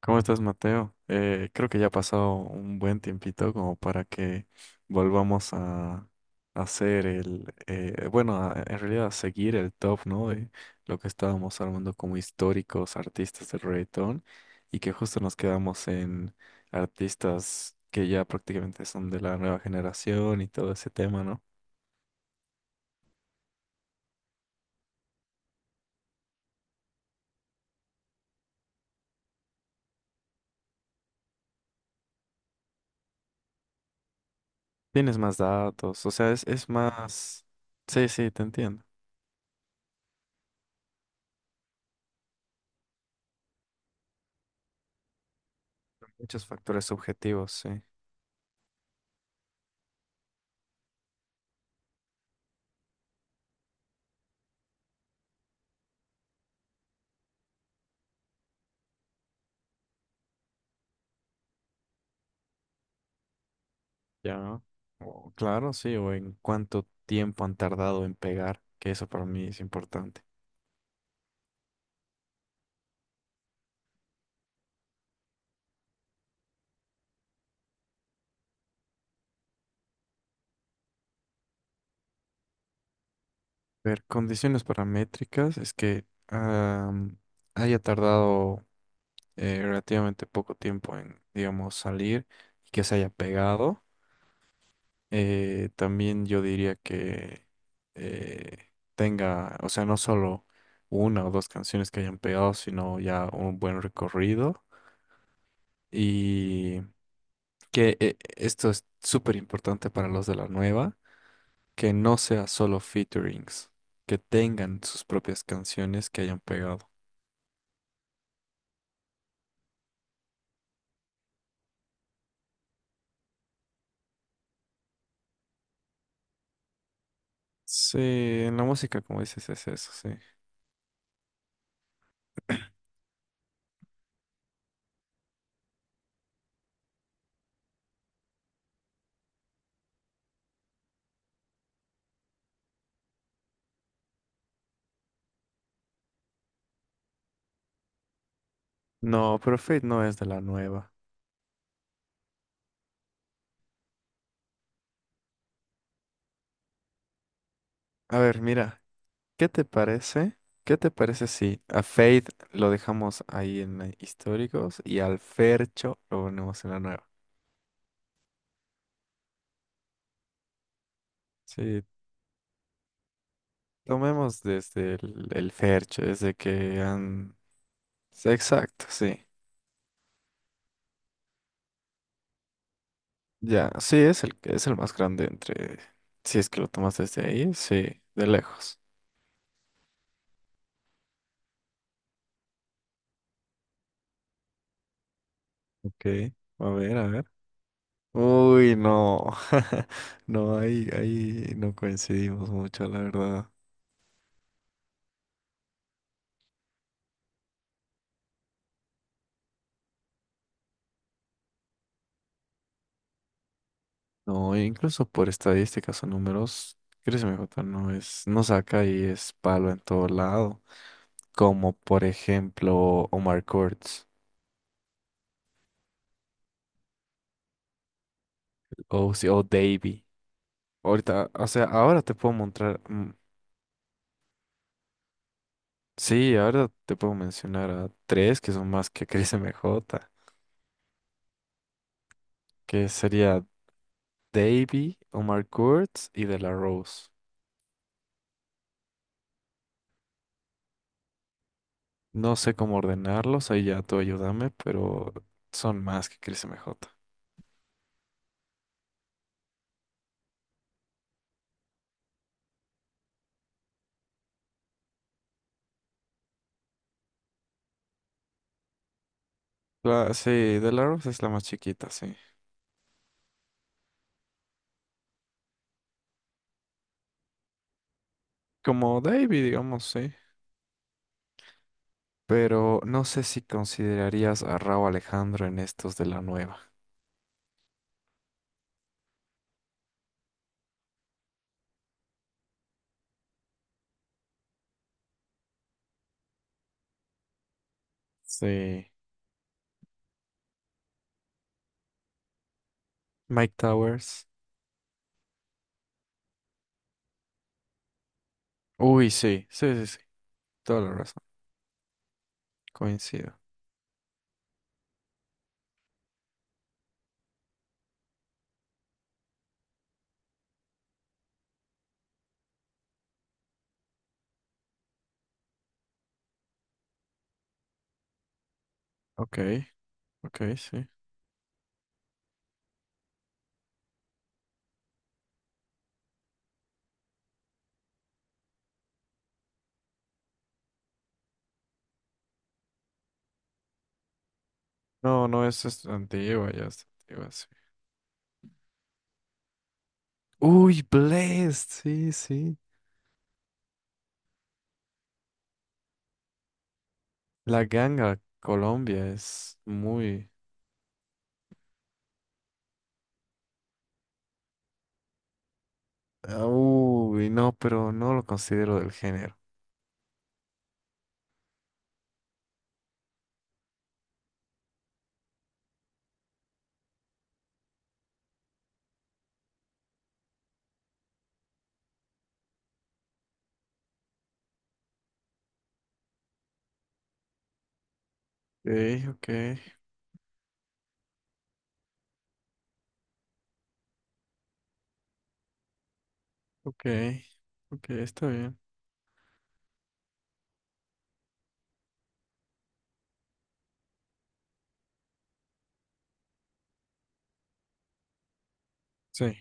¿Cómo estás, Mateo? Creo que ya ha pasado un buen tiempito como para que volvamos a hacer en realidad a seguir el top, ¿no? De lo que estábamos armando como históricos artistas del reggaetón y que justo nos quedamos en artistas que ya prácticamente son de la nueva generación y todo ese tema, ¿no? Tienes más datos, o sea, es más... Sí, sí, te entiendo. Muchos factores subjetivos, sí. Ya. O claro, sí, o en cuánto tiempo han tardado en pegar, que eso para mí es importante. Ver, condiciones paramétricas es que haya tardado relativamente poco tiempo en, digamos, salir y que se haya pegado. También yo diría que tenga, o sea, no solo una o dos canciones que hayan pegado, sino ya un buen recorrido. Y que esto es súper importante para los de la nueva, que no sea solo featurings, que tengan sus propias canciones que hayan pegado. Sí, en la música, como dices, es eso, sí. No, pero Fate no es de la nueva. A ver, mira, ¿qué te parece? ¿Qué te parece si a Fate lo dejamos ahí en históricos y al Fercho lo ponemos en la nueva? Sí, tomemos desde el Fercho, desde que han... Sí, exacto, sí. Ya, sí, es es el más grande entre, si es que lo tomas desde ahí, sí, de lejos. Ok, a ver, a ver. Uy, no, no, ahí no coincidimos mucho, la verdad. No, e incluso por estadísticas o números, Chris Mejota no es, no saca y es palo en todo lado, como por ejemplo Omar Courtz o, si- o Davey. Ahorita, o sea, ahora te puedo mostrar, sí, ahora te puedo mencionar a tres que son más que Chris MJ, que sería Davey, Omar Kurtz y De La Rose. No sé cómo ordenarlos, ahí ya tú ayúdame, pero son más que Chris MJ. Sí, De La Rose es la más chiquita, sí. Como Davey, digamos, sí. Pero no sé si considerarías a Rauw Alejandro en estos de la nueva. Sí. Mike Towers. Uy, sí, sí, sí, sí. Toda la razón. Coincido. Ok, ok, sí. No, no, es antigua, ya es antigua, sí. Uy, Blessed, sí, sí. La ganga Colombia es muy... Ah, uy, no, pero no lo considero del género. Ok, ok, ok, ok, está bien. Sí.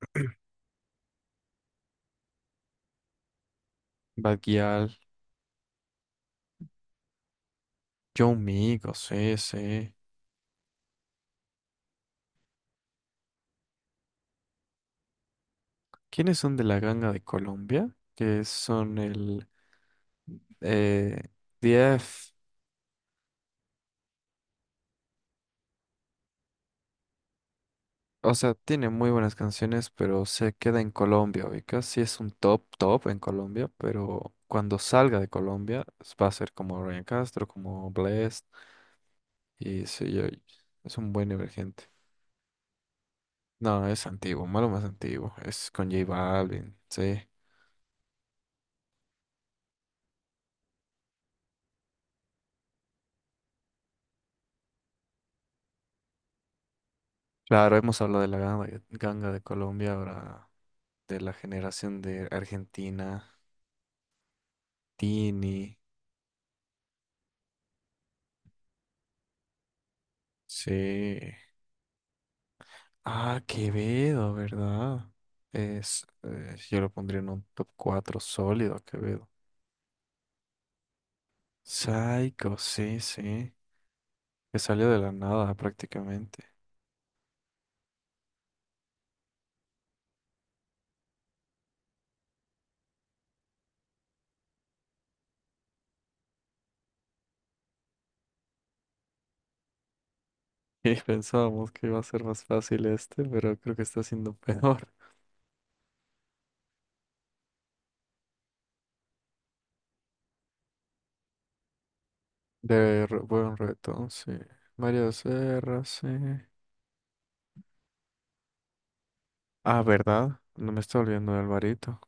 Baguial, Yo Migo, sí, sí. ¿Quiénes son de la ganga de Colombia? Que son el eh, o sea, tiene muy buenas canciones, pero se queda en Colombia, ubicas. Sí es un top, top en Colombia, pero cuando salga de Colombia va a ser como Ryan Castro, como Blessd, y sí, es un buen emergente. No, es antiguo, malo más antiguo, es con J Balvin, sí. Claro, hemos hablado de la ganga, ganga de Colombia, ahora de la generación de Argentina, Tini, sí. Ah, Quevedo, ¿verdad? Es, yo lo pondría en un top 4 sólido, Quevedo. Psycho, sí, sí. Que salió de la nada prácticamente. Y pensábamos que iba a ser más fácil este, pero creo que está siendo peor. Buen reto, sí. Mario Serra, sí. Ah, ¿verdad? No me está olvidando de Alvarito.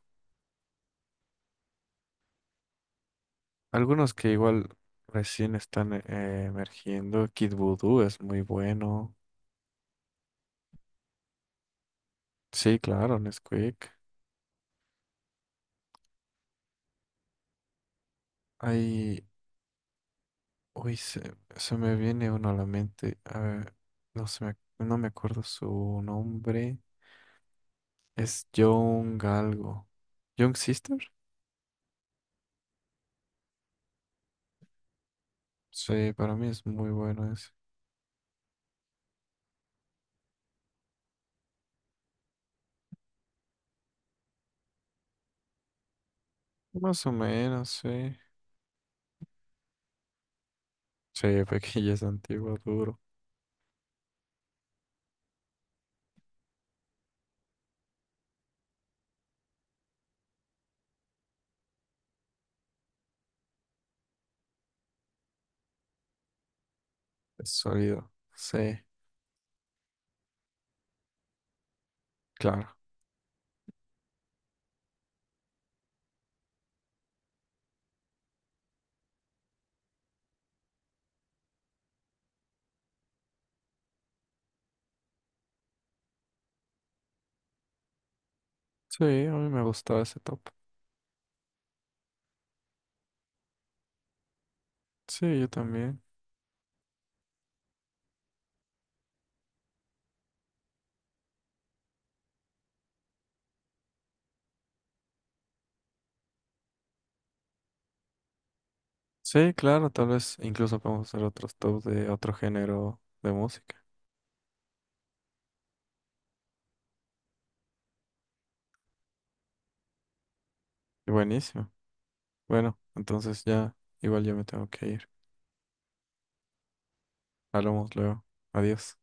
Algunos que igual recién están emergiendo. Kid Voodoo es muy bueno. Sí, claro, Nesquik. Ay, uy, se me viene uno a la mente. A ver, no me acuerdo su nombre. Es Young algo. Young Sister. Sí, para mí es muy bueno ese. Más o menos, sí. Sí, porque ya es antiguo, duro, es sólido. Sí, claro. Sí, a mí me gustaba ese top. Sí, yo también. Sí, claro, tal vez incluso podemos hacer otros tops de otro género de música. Buenísimo. Bueno, entonces ya, igual yo me tengo que ir. Hablamos luego. Adiós.